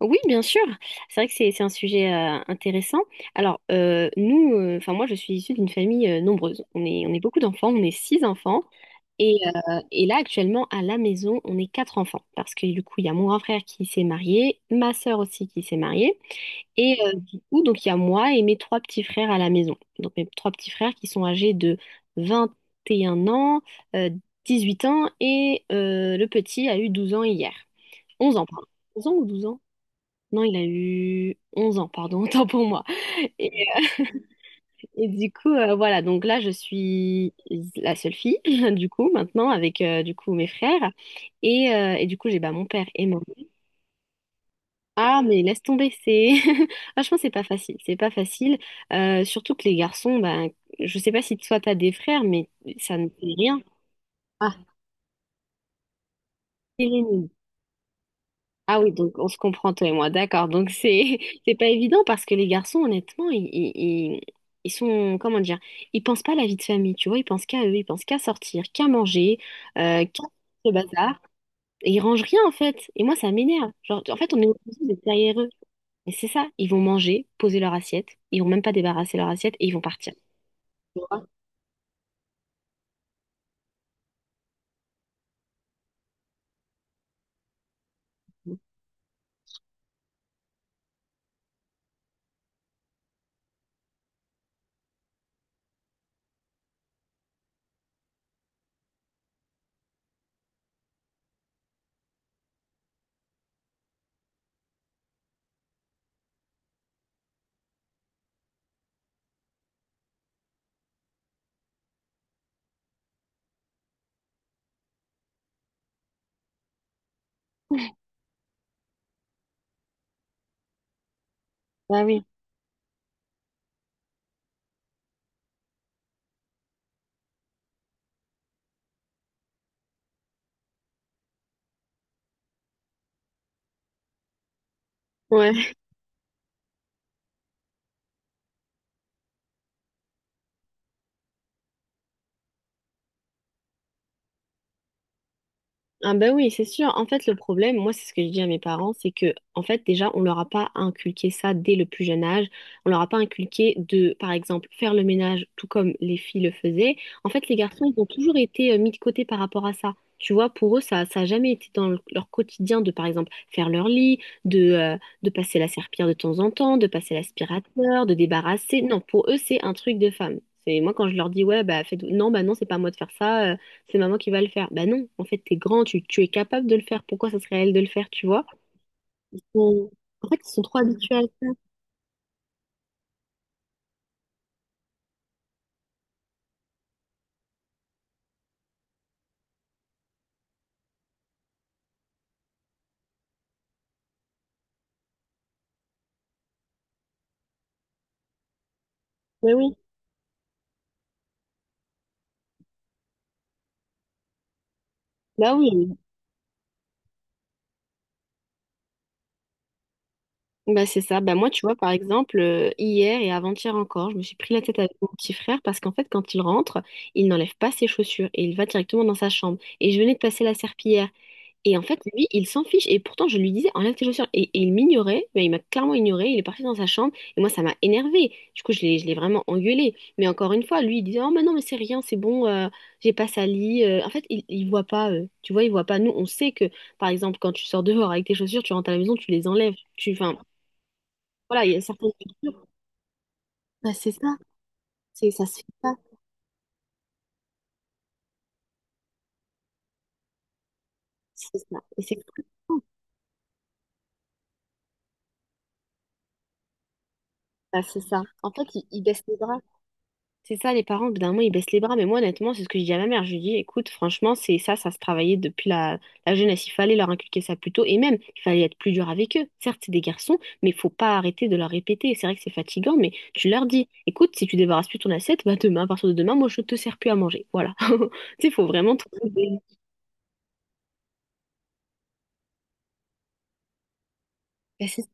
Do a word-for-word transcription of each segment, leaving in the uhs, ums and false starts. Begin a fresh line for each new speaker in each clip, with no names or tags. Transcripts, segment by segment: Oui, bien sûr. C'est vrai que c'est c'est un sujet euh, intéressant. Alors, euh, nous, euh, enfin moi, je suis issue d'une famille euh, nombreuse. On est, on est beaucoup d'enfants, on est six enfants. Et, euh, et là, actuellement, à la maison, on est quatre enfants. Parce que du coup, il y a mon grand frère qui s'est marié, ma sœur aussi qui s'est mariée. Et euh, du coup, donc, il y a moi et mes trois petits frères à la maison. Donc, mes trois petits frères qui sont âgés de vingt et un ans, euh, huit ans, et euh, le petit a eu douze ans hier. Onze ans, pardon. onze ans ou douze ans? Non, il a eu onze ans, pardon, autant pour moi. Et, et du coup, euh, voilà, donc là, je suis la seule fille, du coup, maintenant, avec euh, du coup mes frères. Et, euh, et du coup, j'ai bah, mon père et moi. Ah, mais laisse tomber, c'est... Franchement, c'est pas facile, c'est pas facile. Euh, surtout que les garçons, ben je sais pas si toi, t'as des frères, mais ça ne fait rien. Ah, c'est ah oui, donc on se comprend toi et moi, d'accord. Donc c'est c'est pas évident parce que les garçons, honnêtement, ils, ils, ils- ils sont, comment dire, ils pensent pas à la vie de famille, tu vois, ils pensent qu'à eux, ils pensent qu'à sortir, qu'à manger, euh, qu'à le bazar, et ils rangent rien en fait. Et moi, ça m'énerve. Genre, en fait, on est obligé d'être derrière eux. Et c'est ça, ils vont manger, poser leur assiette, ils vont même pas débarrasser leur assiette et ils vont partir. Tu vois? Bah oui. Ouais. Ah ben oui, c'est sûr. En fait, le problème, moi, c'est ce que je dis à mes parents, c'est que, en fait, déjà, on leur a pas inculqué ça dès le plus jeune âge. On leur a pas inculqué de, par exemple, faire le ménage tout comme les filles le faisaient. En fait, les garçons, ils ont toujours été euh, mis de côté par rapport à ça. Tu vois, pour eux, ça, ça a jamais été dans le- leur quotidien de, par exemple, faire leur lit, de, euh, de passer la serpillière de temps en temps, de passer l'aspirateur, de débarrasser. Non, pour eux, c'est un truc de femme. C'est moi quand je leur dis, ouais, bah, faites... non, bah non, c'est pas à moi de faire ça, c'est maman qui va le faire. Bah non, en fait, t'es grand, tu, tu es capable de le faire. Pourquoi ça serait à elle de le faire, tu vois? Bon. En fait, ils sont trop habitués à ça. Bah oui. Bah oui. Bah c'est ça. Bah moi, tu vois, par exemple, euh, hier et avant-hier encore, je me suis pris la tête avec mon petit frère parce qu'en fait, quand il rentre, il n'enlève pas ses chaussures et il va directement dans sa chambre. Et je venais de passer la serpillière. Et en fait, lui, il s'en fiche. Et pourtant, je lui disais, enlève tes chaussures. Et, et il m'ignorait, mais il m'a clairement ignoré. Il est parti dans sa chambre. Et moi, ça m'a énervé. Du coup, je l'ai, je l'ai vraiment engueulé. Mais encore une fois, lui, il disait, oh, mais non, mais c'est rien, c'est bon, euh, j'ai pas sali. Euh, en fait, il, il voit pas, euh, tu vois, il voit pas. Nous, on sait que, par exemple, quand tu sors dehors avec tes chaussures, tu rentres à la maison, tu les enlèves. Tu, enfin, voilà, il y a certaines cultures. Bah, c'est ça. C'est, ça se fait pas. C'est ça. Et c'est frustrant. Bah, c'est ça. En fait, il, il baisse les bras. C'est ça, les parents, au bout d'un moment, ils baissent les bras. Mais moi, honnêtement, c'est ce que je dis à ma mère. Je lui dis, écoute, franchement, c'est ça, ça se travaillait depuis la, la jeunesse. Il fallait leur inculquer ça plus tôt. Et même, il fallait être plus dur avec eux. Certes, c'est des garçons, mais il faut pas arrêter de leur répéter. C'est vrai que c'est fatigant, mais tu leur dis, écoute, si tu débarrasses plus ton assiette, bah demain, à partir de demain, moi, je te sers plus à manger. Voilà. Tu sais, il faut vraiment trouver des- Bah, c'est ça.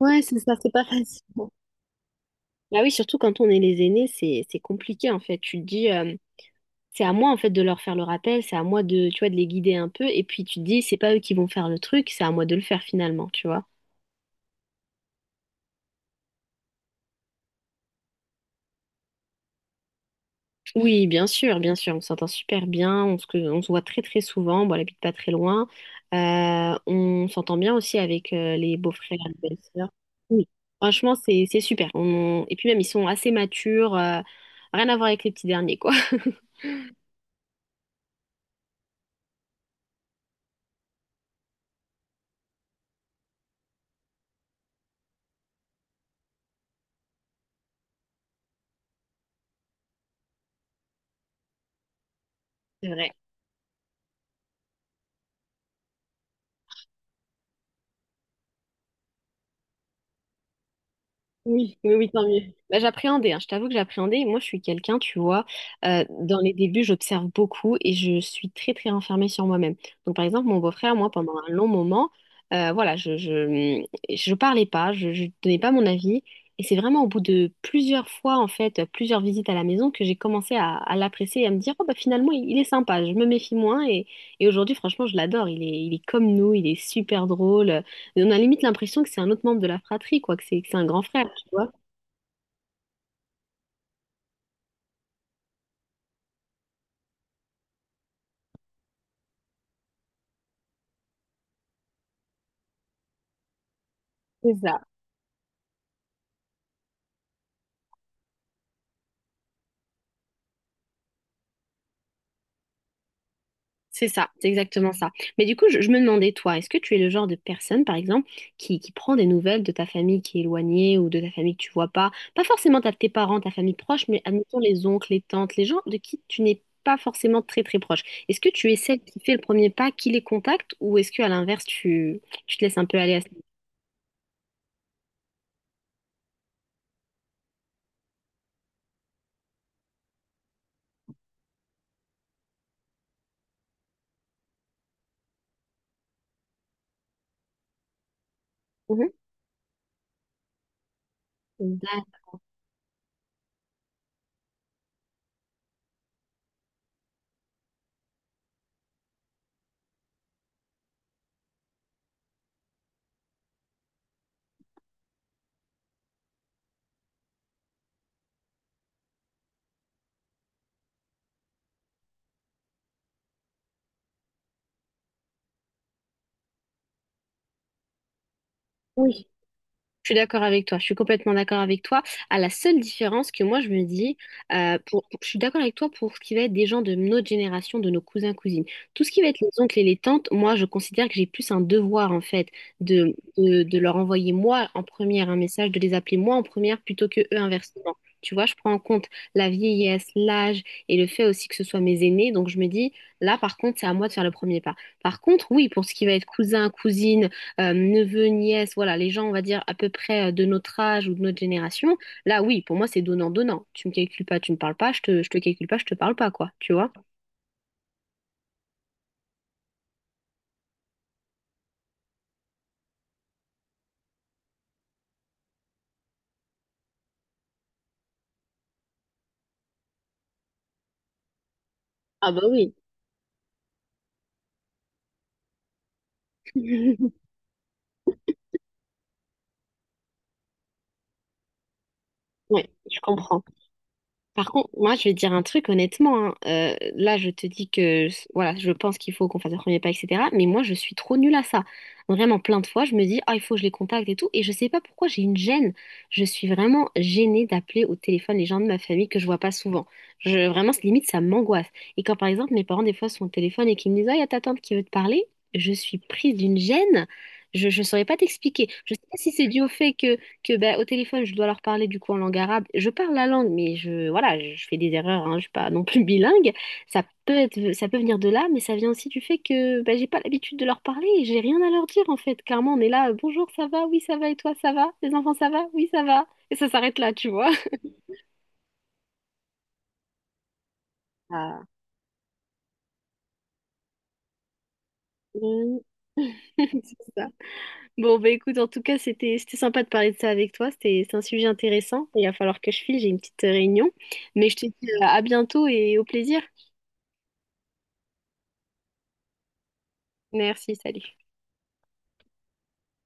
Ouais, c'est ça, c'est pas facile. Bah oui, surtout quand on est les aînés, c'est c'est compliqué en fait. Tu te dis, euh, c'est à moi en fait de leur faire le rappel, c'est à moi de, tu vois, de les guider un peu. Et puis tu te dis, c'est pas eux qui vont faire le truc, c'est à moi de le faire finalement, tu vois. Oui, bien sûr, bien sûr, on s'entend super bien, on se, on se voit très très souvent, bon, elle habite pas très loin. Euh, on s'entend bien aussi avec euh, les beaux-frères les belles-sœurs. Oui, franchement, c'est c'est super. On- Et puis même, ils sont assez matures, euh, rien à voir avec les petits derniers, quoi. C'est vrai. Oui, oui, oui, tant mieux. Bah, j'appréhendais, hein, je t'avoue que j'appréhendais. Moi, je suis quelqu'un, tu vois, euh, dans les débuts, j'observe beaucoup et je suis très, très renfermée sur moi-même. Donc, par exemple, mon beau-frère, moi, pendant un long moment, euh, voilà, je, je, je parlais pas, je, je donnais pas mon avis. Et c'est vraiment au bout de plusieurs fois, en fait, plusieurs visites à la maison, que j'ai commencé à, à l'apprécier et à me dire, oh, bah, finalement, il, il est sympa, je me méfie moins. Et, et aujourd'hui, franchement, je l'adore. Il est, il est comme nous, il est super drôle. On a limite l'impression que c'est un autre membre de la fratrie, quoi, que c'est que c'est un grand frère, tu vois. C'est ça, c'est ça, c'est exactement ça. Mais du coup, je, je me demandais, toi, est-ce que tu es le genre de personne, par exemple, qui, qui prend des nouvelles de ta famille qui est éloignée ou de ta famille que tu vois pas, pas forcément ta- tes parents, ta famille proche, mais admettons les oncles, les tantes, les gens de qui tu n'es pas forcément très très proche. Est-ce que tu es celle qui fait le premier pas, qui les contacte, ou est-ce que à l'inverse, tu, tu te laisses un peu aller à ce, mhm, niveau-là. Je suis d'accord avec toi, je suis complètement d'accord avec toi. À la seule différence que moi je me dis, euh, pour, pour- je suis d'accord avec toi pour ce qui va être des gens de notre génération, de nos cousins, cousines. Tout ce qui va être les oncles et les tantes, moi je considère que j'ai plus un devoir en fait de, de, de leur envoyer moi en première un message, de les appeler moi en première plutôt que eux inversement. Tu vois, je prends en compte la vieillesse, l'âge et le fait aussi que ce soit mes aînés. Donc je me dis, là par contre, c'est à moi de faire le premier pas. Par contre, oui, pour ce qui va être cousin, cousine, euh, neveux, nièces, voilà, les gens, on va dire, à peu près euh, de notre âge ou de notre génération, là, oui, pour moi, c'est donnant-donnant. Tu me calcules pas, tu me parles pas, je te, je te calcule pas, je te parle pas, quoi, tu vois? Ah bah oui. Oui, je comprends. Par contre, moi, je vais te dire un truc honnêtement, hein. Euh, là, je te dis que voilà, je pense qu'il faut qu'on fasse un premier pas, et cetera. Mais moi, je suis trop nulle à ça. Vraiment, plein de fois, je me dis, ah, il faut que je les contacte et tout. Et je sais pas pourquoi j'ai une gêne. Je suis vraiment gênée d'appeler au téléphone les gens de ma famille que je vois pas souvent. Je, vraiment, c'est limite, ça m'angoisse. Et quand, par exemple, mes parents, des fois, sont au téléphone et qu'ils me disent, ah, il y a ta tante qui veut te parler, je suis prise d'une gêne. Je ne saurais pas t'expliquer. Je sais pas si c'est dû au fait que que ben, au téléphone, je dois leur parler du coup en langue arabe. Je parle la langue, mais je, voilà, je fais des erreurs, hein, je suis pas non plus bilingue. Ça peut être, ça peut venir de là, mais ça vient aussi du fait que ben, j'ai pas l'habitude de leur parler et j'ai rien à leur dire en fait. Clairement, on est là, euh, bonjour, ça va, oui, ça va, et toi, ça va? Les enfants, ça va? Oui, ça va. Et ça s'arrête là, tu vois. Ah. Mm. C'est ça. Bon, bah écoute, en tout cas, c'était c'était sympa de parler de ça avec toi. C'était, c'est un sujet intéressant. Il va falloir que je file, j'ai une petite réunion. Mais je te dis euh, à bientôt et au plaisir. Merci, salut.